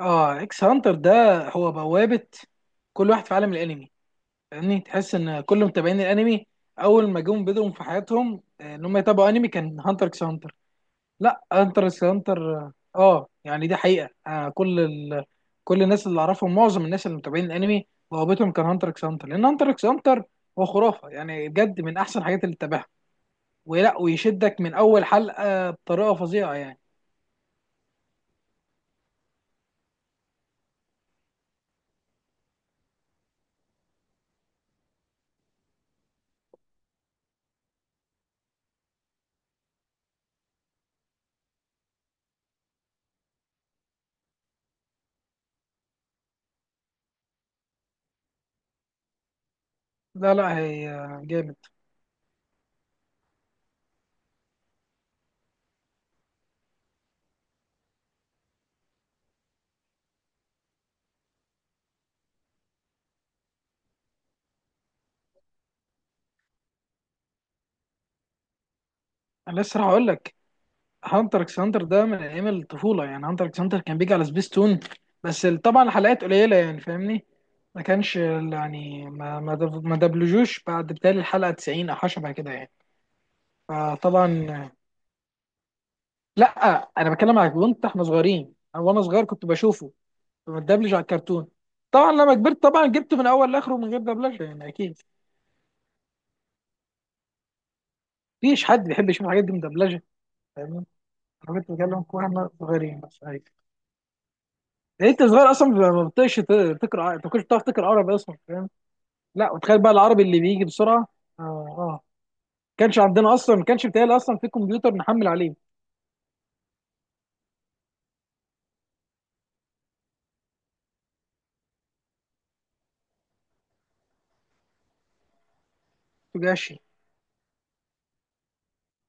اه، اكس هانتر ده هو بوابة كل واحد في عالم الانمي. يعني تحس ان كل متابعين الانمي اول ما جم بدهم في حياتهم ان هم يتابعوا انمي كان هانتر اكس هانتر. لا، هانتر اكس هانتر يعني دي حقيقة، كل ال... كل الناس اللي اعرفهم، معظم الناس اللي متابعين الانمي بوابتهم كان هانتر اكس هانتر، لان هانتر اكس هانتر هو خرافة، يعني بجد من احسن الحاجات اللي تتابعها، ولا ويشدك من اول حلقة بطريقة فظيعة يعني. لا هي جامد. انا لسه راح اقول لك، هانتر اكس هانتر ده من ايام الطفوله، يعني هانتر اكس هانتر كان بيجي على سبيستون، بس طبعا الحلقات قليله يعني، فاهمني؟ ما كانش ما دبلجوش بعد بتالي الحلقه 90 او حاجه شبه كده يعني. فطبعا لا، انا بتكلم على كنت احنا صغيرين، وانا صغير كنت بشوفه، كنت متدبلج على الكرتون. طبعا لما كبرت طبعا جبته من اول لاخره من غير دبلجه، يعني اكيد مفيش حد بيحب يشوف الحاجات دي مدبلجه، فاهمني؟ انا كنت بتكلم واحنا صغيرين بس، أيوة. يعني انت صغير اصلا ما بتقش ما كنتش بتعرف تقرا عربي اصلا، فاهم؟ لا وتخيل بقى العربي اللي بيجي بسرعه. اه اه كانش عندنا اصلا، ما كانش بتاعي اصلا في كمبيوتر نحمل عليه. توجاشي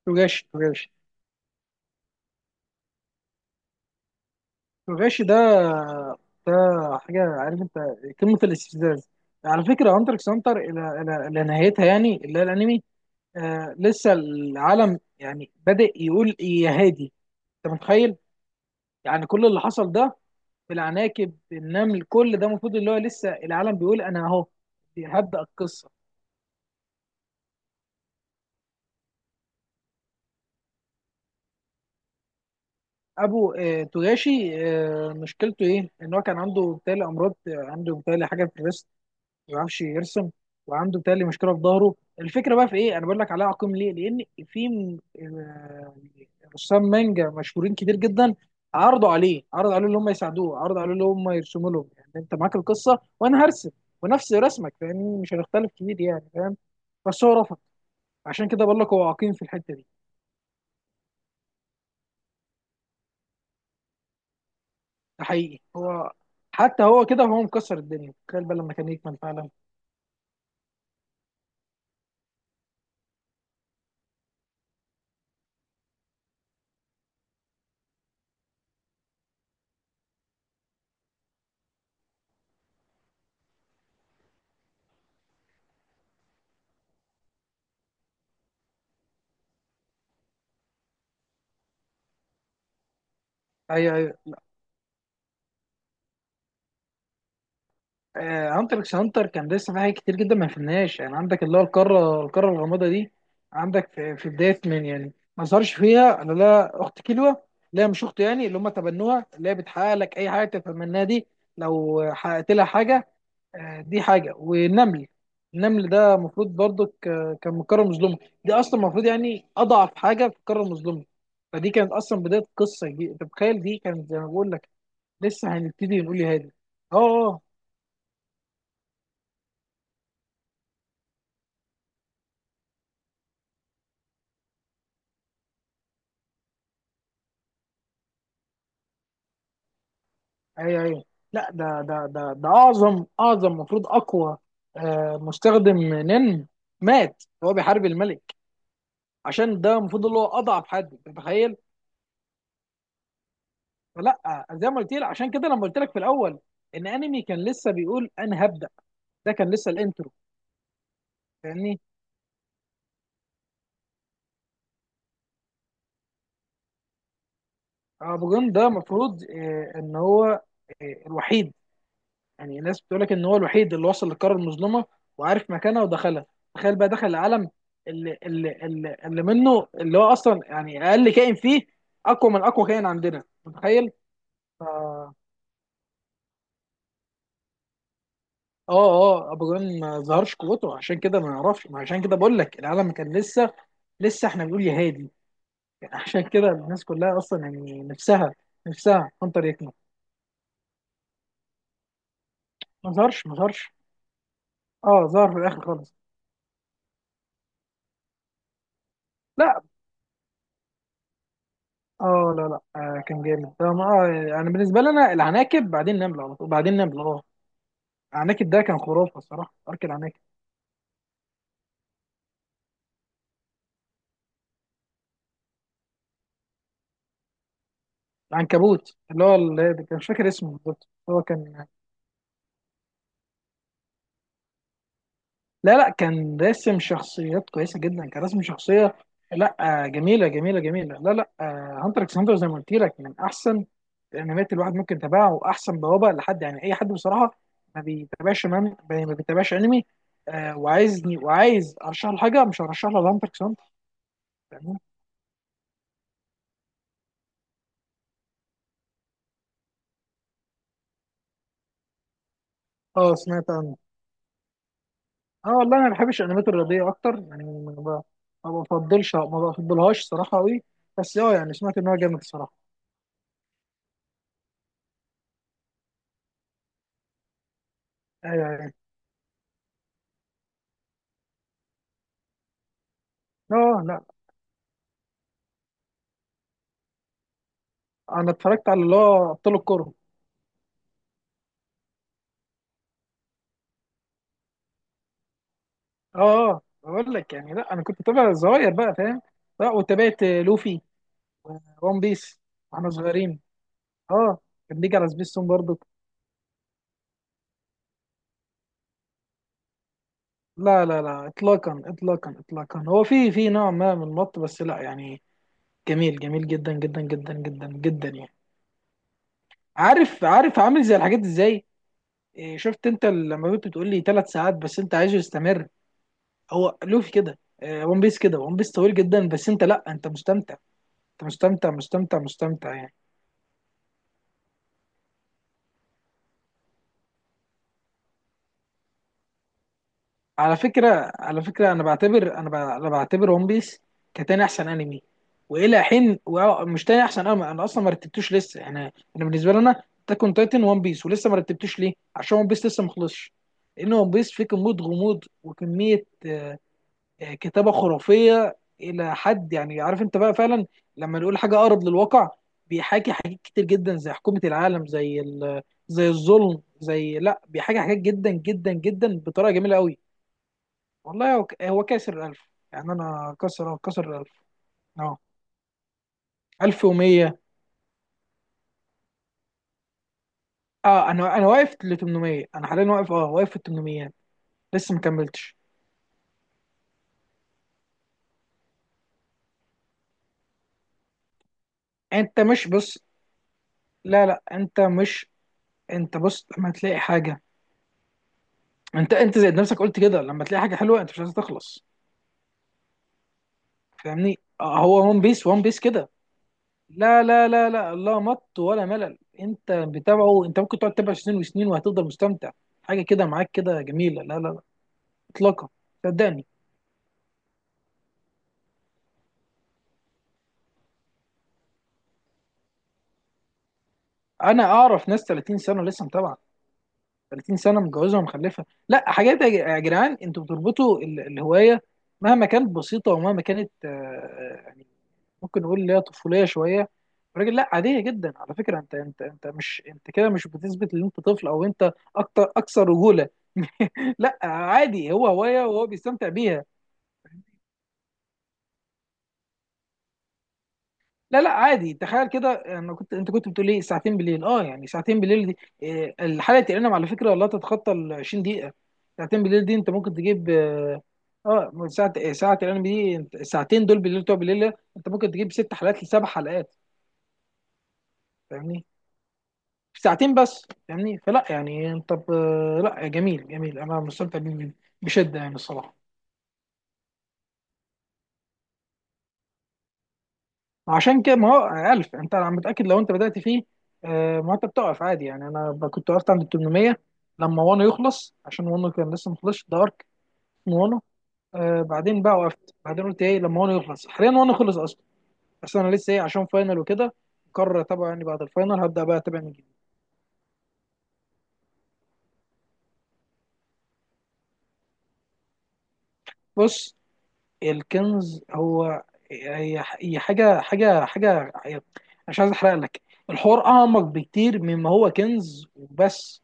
توجاشي توجاشي. توجاشي ده، ده حاجه، عارف انت، قمه الاستفزاز. على فكره هانتر اكس هانتر الى نهايتها، يعني اللي هي الانمي، لسه العالم يعني بادئ يقول إيه يا هادي، انت متخيل؟ يعني كل اللي حصل ده، بالعناكب، بالنمل، كل ده المفروض اللي هو لسه العالم بيقول انا اهو. هبدأ القصه، ابو توغاشي، مشكلته ايه، ان هو كان عنده بتالي امراض، عنده بتالي حاجه في الريست، ما بيعرفش يرسم، وعنده بتالي مشكله في ظهره. الفكره بقى في ايه، انا بقول لك عليها عقيم ليه، لان في رسام مانجا مشهورين كتير جدا عرضوا عليه، عرضوا عليه ان هم يساعدوه، عرضوا عليه ان هم يرسموا لهم، يعني انت معاك القصه وانا هرسم ونفس رسمك، فاهمني؟ مش هنختلف كتير يعني، فاهم؟ بس هو رفض. عشان كده بقول لك هو عقيم في الحته دي. ده حقيقي، هو حتى هو كده وهو مكسر الدنيا، تخيل بقى لما كان يكمل فعلا. ايوه ايوه، لا، هانتر اكس هانتر كان لسه في حاجات كتير جدا ما فهمناهاش، يعني عندك اللي هو القاره، القاره الغامضه دي، عندك في بدايه، من يعني ما ظهرش فيها انا لا اخت كيلوا، لا مش اخته، يعني اللي هم تبنوها، اللي هي بتحقق لك اي حاجه تتمناها دي، لو حققت لها حاجه، دي حاجه. والنمل، النمل ده المفروض برضو كان من قاره مظلومه، دي اصلا المفروض يعني اضعف حاجه في القاره المظلومه، فدي كانت اصلا بدايه قصه دي، انت متخيل؟ دي كانت زي ما بقول لك، لسه هنبتدي نقول يا هادي. اه اه ايوه ايوه، لا، ده اعظم المفروض اقوى، مستخدم نن مات وهو بيحارب الملك، عشان ده المفروض اللي هو اضعف حد، أنت متخيل؟ فلا، زي ما قلت لك، عشان كده لما قلت لك في الاول ان انمي كان لسه بيقول انا هبدا، ده كان لسه الانترو، فاهمني؟ ابو جون ده المفروض ان هو الوحيد، يعني الناس بتقول لك ان هو الوحيد اللي وصل للقاره المظلمه وعارف مكانها ودخلها، تخيل بقى دخل العالم اللي منه، اللي هو اصلا يعني اقل كائن فيه اقوى من اقوى كائن عندنا، متخيل؟ ف- اه اه ابو جون ما ظهرش قوته، عشان كده ما نعرفش، ما عشان كده بقول لك العالم كان لسه، لسه احنا بنقول يا هادي، يعني عشان كده الناس كلها اصلا يعني نفسها، نفسها هانتر يكمل. ما ظهرش، اه ظهر في الاخر خالص. لا، اه، لا كان جامد ده، ما يعني بالنسبه لنا العناكب، بعدين نمله على طول، بعدين نمله، اه العناكب ده كان خرافه الصراحه، ارك العناكب، العنكبوت اللي هو اللي كان مش فاكر اسمه بالظبط، هو كان، لا كان راسم شخصيات كويسه جدا، كان راسم شخصيه، لا جميله جميله. لا هانتر اكس هانتر زي ما قلت لك من احسن الانميات، الواحد ممكن يتابعها، واحسن بوابه لحد يعني اي حد بصراحه ما بيتابعش، ما بيتابعش انمي وعايزني، وعايز ارشح له حاجه، مش هرشح له هانتر اكس هانتر، فاهمني؟ اه سمعت عنه. اه والله انا ما بحبش الانميات الرياضيه اكتر يعني، ما ب- ما بفضلش ما بفضلهاش صراحه قوي، بس اه يعني سمعت ان هو جامد الصراحه. ايوه ايوه. اه لا، انا اتفرجت على اللي هو ابطال الكوره. اه بقول لك يعني لا، انا كنت بتابع الصغير بقى، فاهم؟ لا وتابعت لوفي وون بيس واحنا صغيرين. اه كان بيجي على سبيستون برضو. لا اطلاقا اطلاقا، هو في نوع ما من المط، بس لا يعني جميل، جميل جدا جدا جدا جدا جدا يعني. عارف، عارف، عامل زي الحاجات ازاي، إيه، شفت انت لما كنت بتقول لي ثلاث ساعات بس انت عايزه يستمر؟ هو لوفي كده، ون بيس كده، ون بيس طويل جدا بس انت، لا انت مستمتع، انت مستمتع، مستمتع يعني. على فكرة، على فكرة، أنا بعتبر ون بيس كتاني أحسن أنمي، مش تاني أحسن أنمي، أنا أصلا ما رتبتوش لسه. أنا، أنا بالنسبة لي، أنا تاكون تايتن ون بيس، ولسه ما رتبتوش ليه؟ عشان ون بيس لسه ما خلصش، لأن ون بيس فيه كمية غموض وكمية كتابة خرافية إلى حد يعني، عارف أنت بقى فعلا، لما نقول حاجة أقرب للواقع، بيحاكي حاجات كتير جدا، زي حكومة العالم، زي ال... زي الظلم، زي لا بيحاكي حاجات جدا جدا جدا بطريقة جميلة قوي. والله هو، هو كاسر الألف، يعني أنا كسر الألف. أه 1100، أه، أنا واقف ل 800، أنا حاليا واقف، أه واقف في ال 800، لسه ما كملتش. أنت مش بص، لا أنت مش، أنت بص لما تلاقي حاجة، أنت زي نفسك قلت كده، لما تلاقي حاجة حلوة أنت مش عايز تخلص، فاهمني؟ هو ون بيس، ون بيس كده، لا مط ولا ملل، أنت بتابعه، أنت ممكن تقعد تتابع سنين وسنين وهتفضل مستمتع، حاجة كده معاك كده جميلة. لا إطلاقا، صدقني انا اعرف ناس 30 سنه لسه متابعه، 30 سنه متجوزه ومخلفه. لا حاجات يا يا جدعان، انتوا بتربطوا الهوايه مهما كانت بسيطه، ومهما كانت يعني ممكن نقول اللي هي طفوليه شويه، الراجل لا عاديه جدا. على فكره انت، انت مش انت كده مش بتثبت ان انت طفل او انت اكتر، اكثر رجوله، لا عادي، هو هوايه وهو بيستمتع بيها. لا لا عادي، تخيل كده، انا كنت، انت كنت بتقول ايه، ساعتين بالليل، اه يعني ساعتين بالليل دي، إيه الحلقه تقريبا على فكره لا تتخطى ال 20 دقيقه، ساعتين بالليل دي انت ممكن تجيب اه، من ساعه، إيه، ساعه تقريبا دي انت، الساعتين دول بالليل بتوع بالليل ده، انت ممكن تجيب ست حلقات لسبع حلقات، فاهمني؟ في ساعتين بس، فاهمني؟ فلا يعني انت ب... لا جميل، جميل، انا مستمتع بيه بشده يعني الصراحه. عشان كده ما هو 1000، انت انا متاكد لو انت بدات فيه، ما انت بتقف عادي يعني، كنت وقفت عند 800 لما وانو يخلص، عشان وانو كان لسه ما خلصش، ده ارك من وانو، بعدين بقى وقفت، بعدين قلت ايه لما وانو يخلص. حاليا وانو خلص اصلا، بس انا لسه ايه، عشان فاينل وكده، مقرر اتابعه، يعني بعد الفاينل هبدا بقى اتابع من جديد. بص، الكنز هو، هي هي حاجه، مش عايز احرق لك، الحوار اعمق بكتير مما هو كنز وبس،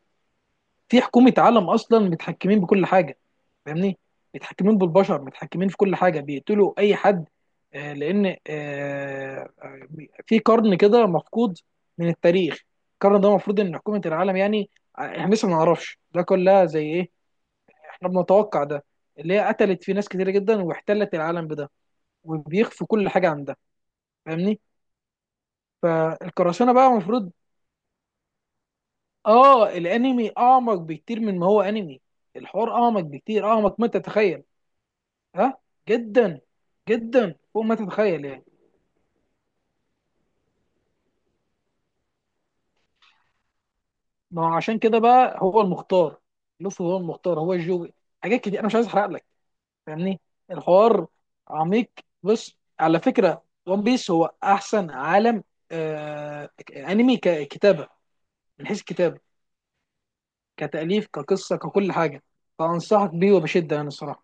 في حكومه عالم اصلا متحكمين بكل حاجه، فاهمني؟ متحكمين بالبشر، متحكمين في كل حاجه، بيقتلوا اي حد، آه، لان آه، آه، في قرن كده مفقود من التاريخ، القرن ده المفروض ان حكومه العالم يعني، احنا لسه ما نعرفش ده كلها زي ايه، احنا بنتوقع ده، اللي هي قتلت في ناس كتير جدا، واحتلت العالم بده، وبيخفوا كل حاجه عن ده، فاهمني؟ فالقراصنه بقى المفروض، اه الانمي اعمق بكتير من ما هو انمي، الحوار اعمق بكتير، اعمق ما تتخيل. ها؟ جدا جدا، فوق ما تتخيل يعني. ما هو عشان كده بقى هو المختار، لوفي هو المختار، هو الجوبي، حاجات كتير انا مش عايز احرق لك، فاهمني؟ الحوار عميق. بص على فكره، ون بيس هو احسن عالم آه انمي ككتابه، من حيث الكتابه، كتاليف، كقصه، ككل حاجه، فانصحك بيه وبشده انا الصراحه.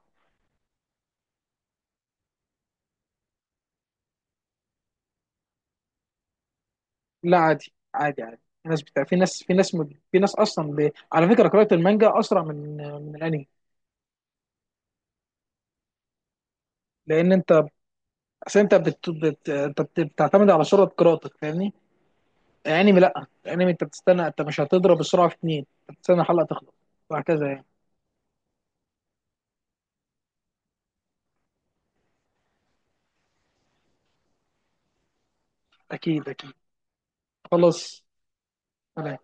لا عادي عادي عادي، الناس بتاع، في ناس اصلا ب... على فكره قراءه المانجا اسرع من الانمي، لان انت، اصل انت بت... بت... انت بت... بتعتمد على سرعه قراءتك، فاهمني؟ الانمي لا، الانمي انت بتستنى، انت مش هتضرب السرعه في اتنين، أنت بتستنى الحلقه تخلص وهكذا يعني. اكيد اكيد، خلاص، سلام.